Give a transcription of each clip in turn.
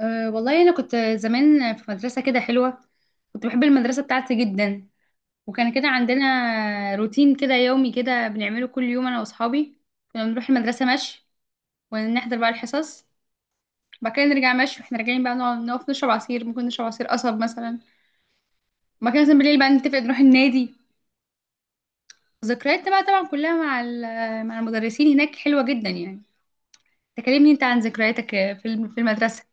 والله أنا كنت زمان في مدرسة كده حلوة. كنت بحب المدرسة بتاعتي جدا، وكان كده عندنا روتين كده يومي كده بنعمله كل يوم أنا وأصحابي. كنا بنروح المدرسة مشي ونحضر بقى الحصص، بعد كده نرجع مشي واحنا راجعين بقى نقعد نقف نشرب عصير، ممكن نشرب عصير قصب مثلا، وبعد كده مثلا بالليل بقى نتفق نروح النادي. ذكرياتنا بقى طبعا كلها مع مع المدرسين هناك حلوة جدا يعني. تكلمني انت عن ذكرياتك في المدرسة.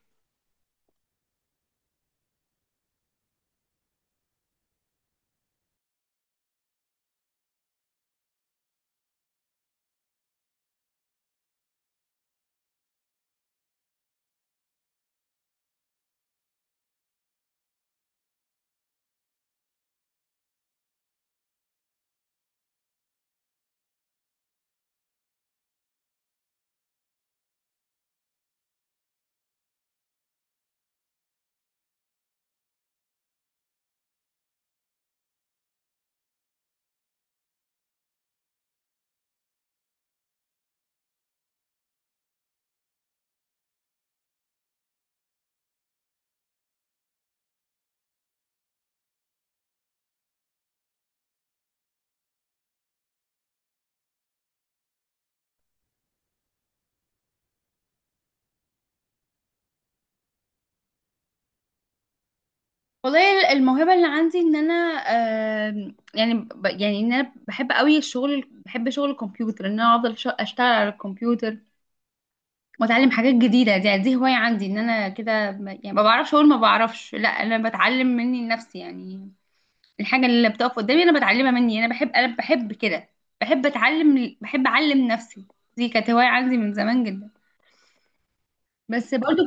والله الموهبة اللي عندي ان انا، يعني ان انا بحب قوي الشغل، بحب شغل الكمبيوتر، ان انا افضل اشتغل على الكمبيوتر واتعلم حاجات جديدة. دي يعني دي هواية عندي، ان انا كده يعني ما بعرفش اقول، ما بعرفش، لا انا بتعلم مني لنفسي يعني. الحاجة اللي بتقف قدامي انا بتعلمها مني، انا بحب، انا بحب كده، بحب اتعلم، بحب اعلم نفسي. دي كانت هواية عندي من زمان جدا. بس برضو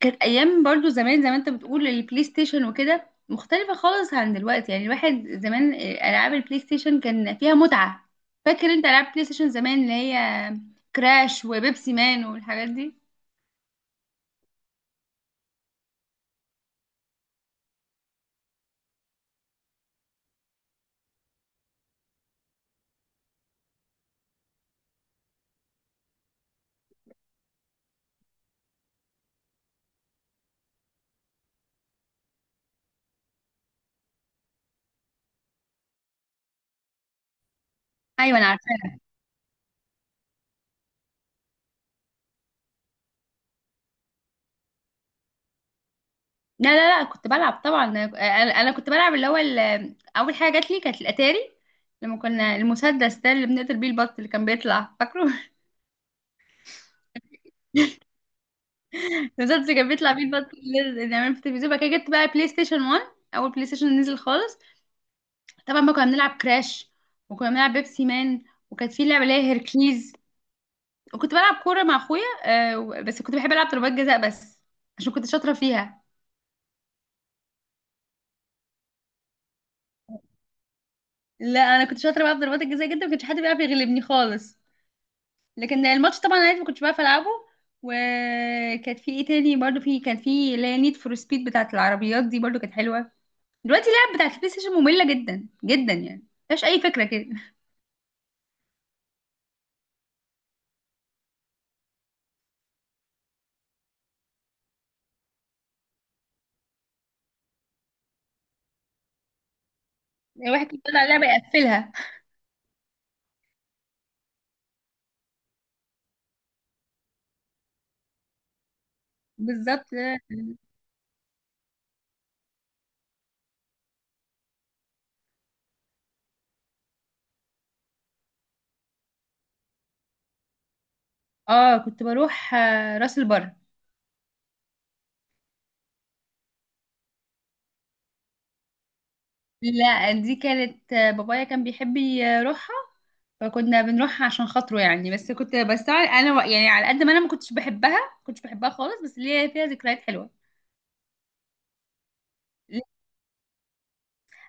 كانت ايام برضو زمان زي ما انت بتقول، البلاي ستيشن وكده مختلفة خالص عن دلوقتي، يعني الواحد زمان، العاب البلاي ستيشن كان فيها متعة. فاكر انت العاب بلاي ستيشن زمان، اللي هي كراش وبيبسي مان والحاجات دي؟ ايوه انا عارفه. لا لا لا، كنت بلعب طبعا انا. أنا كنت بلعب اللي هو اول حاجه جات لي كانت الاتاري، لما كنا المسدس ده اللي بنقتل بيه البط اللي كان بيطلع، فاكره؟ المسدس اللي كان بيطلع بيه البط اللي بنعمله في التلفزيون. بعد كده جبت بقى بلاي ستيشن 1، اول بلاي ستيشن نزل خالص. طبعا بقى كنا بنلعب كراش، وكنا بنلعب بيبسي مان، وكانت في لعبه اللي هي هيركليز، وكنت بلعب كوره مع اخويا، بس كنت بحب العب ضربات جزاء بس، عشان كنت شاطره فيها. لا انا كنت شاطره بقى في ضربات الجزاء جدا، ما كانش حد بيعرف يغلبني خالص، لكن الماتش طبعا انا ما كنتش بعرف العبه. وكانت في ايه تاني برضو، في كان في اللي هي نيد فور سبيد بتاعت العربيات، دي برضو كانت حلوه. دلوقتي اللعب بتاعت البلاي ستيشن ممله جدا جدا يعني، مفيهاش اي فكره كده. الواحد كان بيطلع لعبه يقفلها. بالظبط. اه كنت بروح، راس البر. لا دي كانت، بابايا كان بيحب يروحها، فكنا بنروحها عشان خاطره يعني، بس كنت، يعني على قد ما انا ما كنتش بحبها، كنتش بحبها خالص، بس ليا فيها ذكريات حلوه.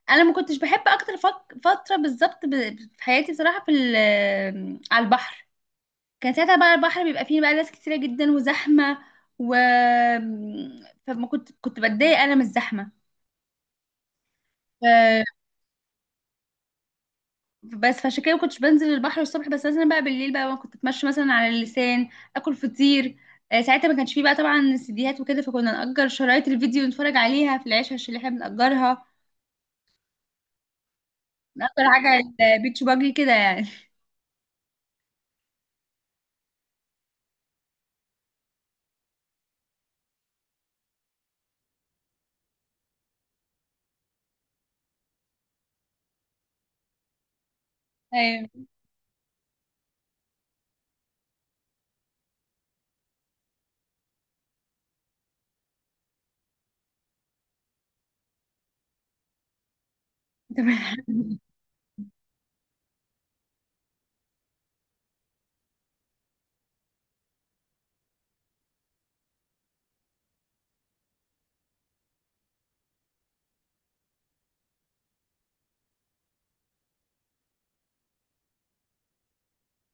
انا ما كنتش بحب اكتر فتره بالظبط في حياتي بصراحه، في على البحر. كان ساعتها بقى البحر بيبقى فيه بقى ناس كتيره جدا وزحمه، و فما كنت بتضايق انا من الزحمه. بس فعشان كده ما كنتش بنزل البحر الصبح، بس مثلا بقى بالليل بقى كنت اتمشى مثلا على اللسان، اكل فطير. ساعتها ما كانش فيه بقى طبعا سيديهات وكده، فكنا نأجر شرايط الفيديو نتفرج عليها في العيشة اللي احنا بنأجرها، نأجر حاجة على البيتش باجي كده يعني. ايوه، تمام.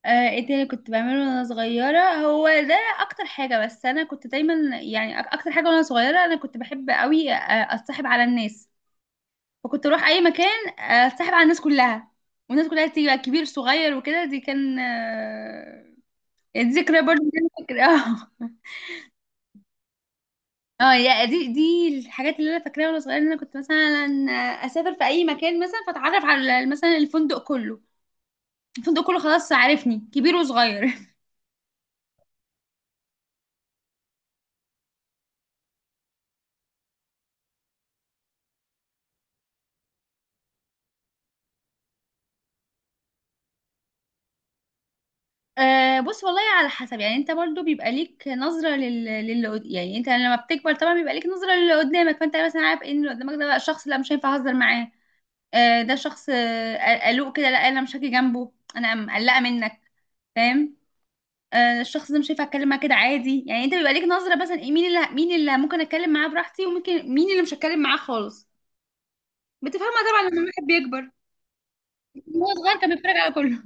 ايه تاني كنت بعمله وانا صغيرة؟ هو ده اكتر حاجة، بس انا كنت دايما، يعني اكتر حاجة وانا صغيرة انا كنت بحب قوي، اتصاحب على الناس، فكنت اروح اي مكان اتصاحب على الناس كلها، والناس كلها تيجي بقى كبير صغير وكده. دي كان، يعني دي ذكرى برضه انا فاكراها. اه يا دي الحاجات اللي انا فاكراها وانا صغيره، ان انا كنت مثلا اسافر في اي مكان مثلا فاتعرف على مثلا الفندق كله، الفندق كله خلاص عارفني كبير وصغير. أه بص والله، على حسب، يعني انت برضو بيبقى ليك نظرة لل... يعني انت لما بتكبر طبعا بيبقى ليك نظرة للي قدامك، فانت مثلا عارف ان اللي قدامك ده بقى شخص، لا مش هينفع اهزر معاه، ده شخص، قلوق كده، لا انا مش هاجي جنبه، انا مقلقه منك، فاهم؟ الشخص ده مش هينفع اتكلم معاه كده عادي، يعني انت بيبقى ليك نظره مثلا، ايه مين اللي، مين اللي ممكن اتكلم معاه براحتي، وممكن مين اللي مش هتكلم معاه خالص، بتفهمها طبعا لما الواحد بيكبر. هو صغير كان بيتفرج على كله.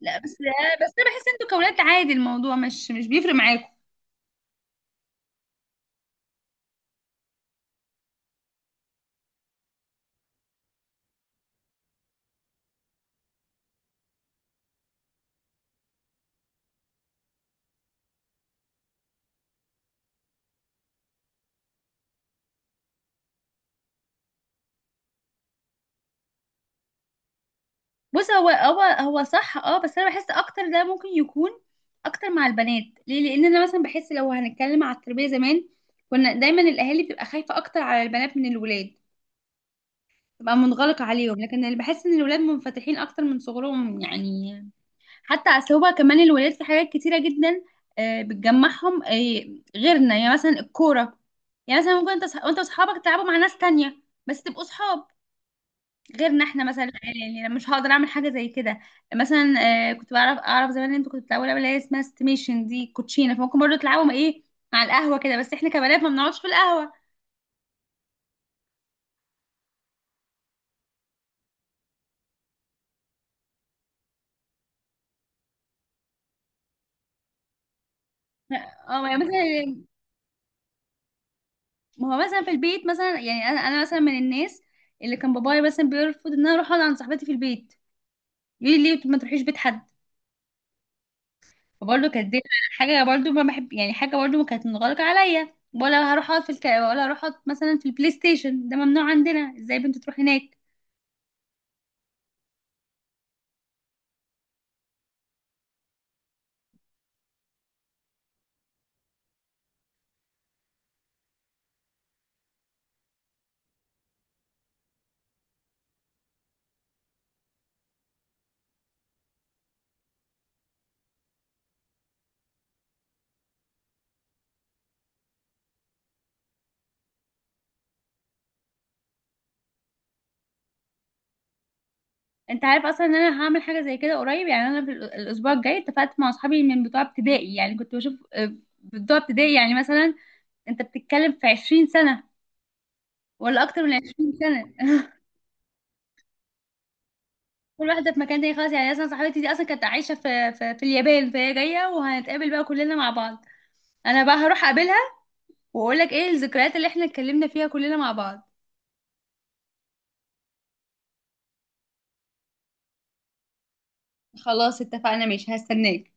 لا بس، بس انا بحس انتوا كولاد عادي، الموضوع مش بيفرق معاكم. بص، هو صح، اه بس انا بحس اكتر ده ممكن يكون اكتر مع البنات. ليه؟ لان انا مثلا بحس لو هنتكلم على التربيه زمان، كنا دايما الاهالي بتبقى خايفه اكتر على البنات من الولاد، تبقى منغلقه عليهم، لكن اللي بحس ان الولاد منفتحين اكتر من صغرهم يعني. حتى اصل هو كمان الولاد في حاجات كتيره جدا، بتجمعهم، غيرنا، يعني مثلا الكوره، يعني مثلا ممكن انت وانت واصحابك تلعبوا مع ناس تانية بس تبقوا صحاب. غيرنا احنا مثلا، يعني انا مش هقدر اعمل حاجه زي كده مثلا. كنت بعرف، اعرف زمان ان انتوا كنتوا بتلعبوا لعبه اللي هي اسمها استيميشن، دي كوتشينه، فممكن برضه تلعبهم ايه على القهوه كده، بس احنا كبنات ما بنقعدش في القهوه. اه ما هي مثلا، ما هو مثلا في البيت مثلا، يعني انا مثلا من الناس اللي كان بابايا مثلا بيرفض ان انا اروح اقعد عند صاحبتي في البيت، يقول لي ليه ما تروحيش بيت حد. فبرضه كانت دي حاجه برضه ما بحب، يعني حاجه برضه كانت منغلقه عليا، ولا هروح اقعد في الك... ولا هروح اقعد مثلا في البلاي ستيشن، ده ممنوع عندنا، ازاي بنت تروح هناك. انت عارف اصلا ان انا هعمل حاجه زي كده قريب؟ يعني انا في الاسبوع الجاي اتفقت مع اصحابي من بتوع ابتدائي، يعني كنت بشوف، بتوع ابتدائي يعني مثلا انت بتتكلم في 20 سنه ولا اكتر من 20 سنه. كل واحده في مكان تاني خالص يعني، اصلا صاحبتي دي اصلا كانت عايشه في اليابان، فهي جايه وهنتقابل بقى كلنا مع بعض، انا بقى هروح اقابلها واقول لك ايه الذكريات اللي احنا اتكلمنا فيها كلنا مع بعض. خلاص اتفقنا، ماشي، هستناك.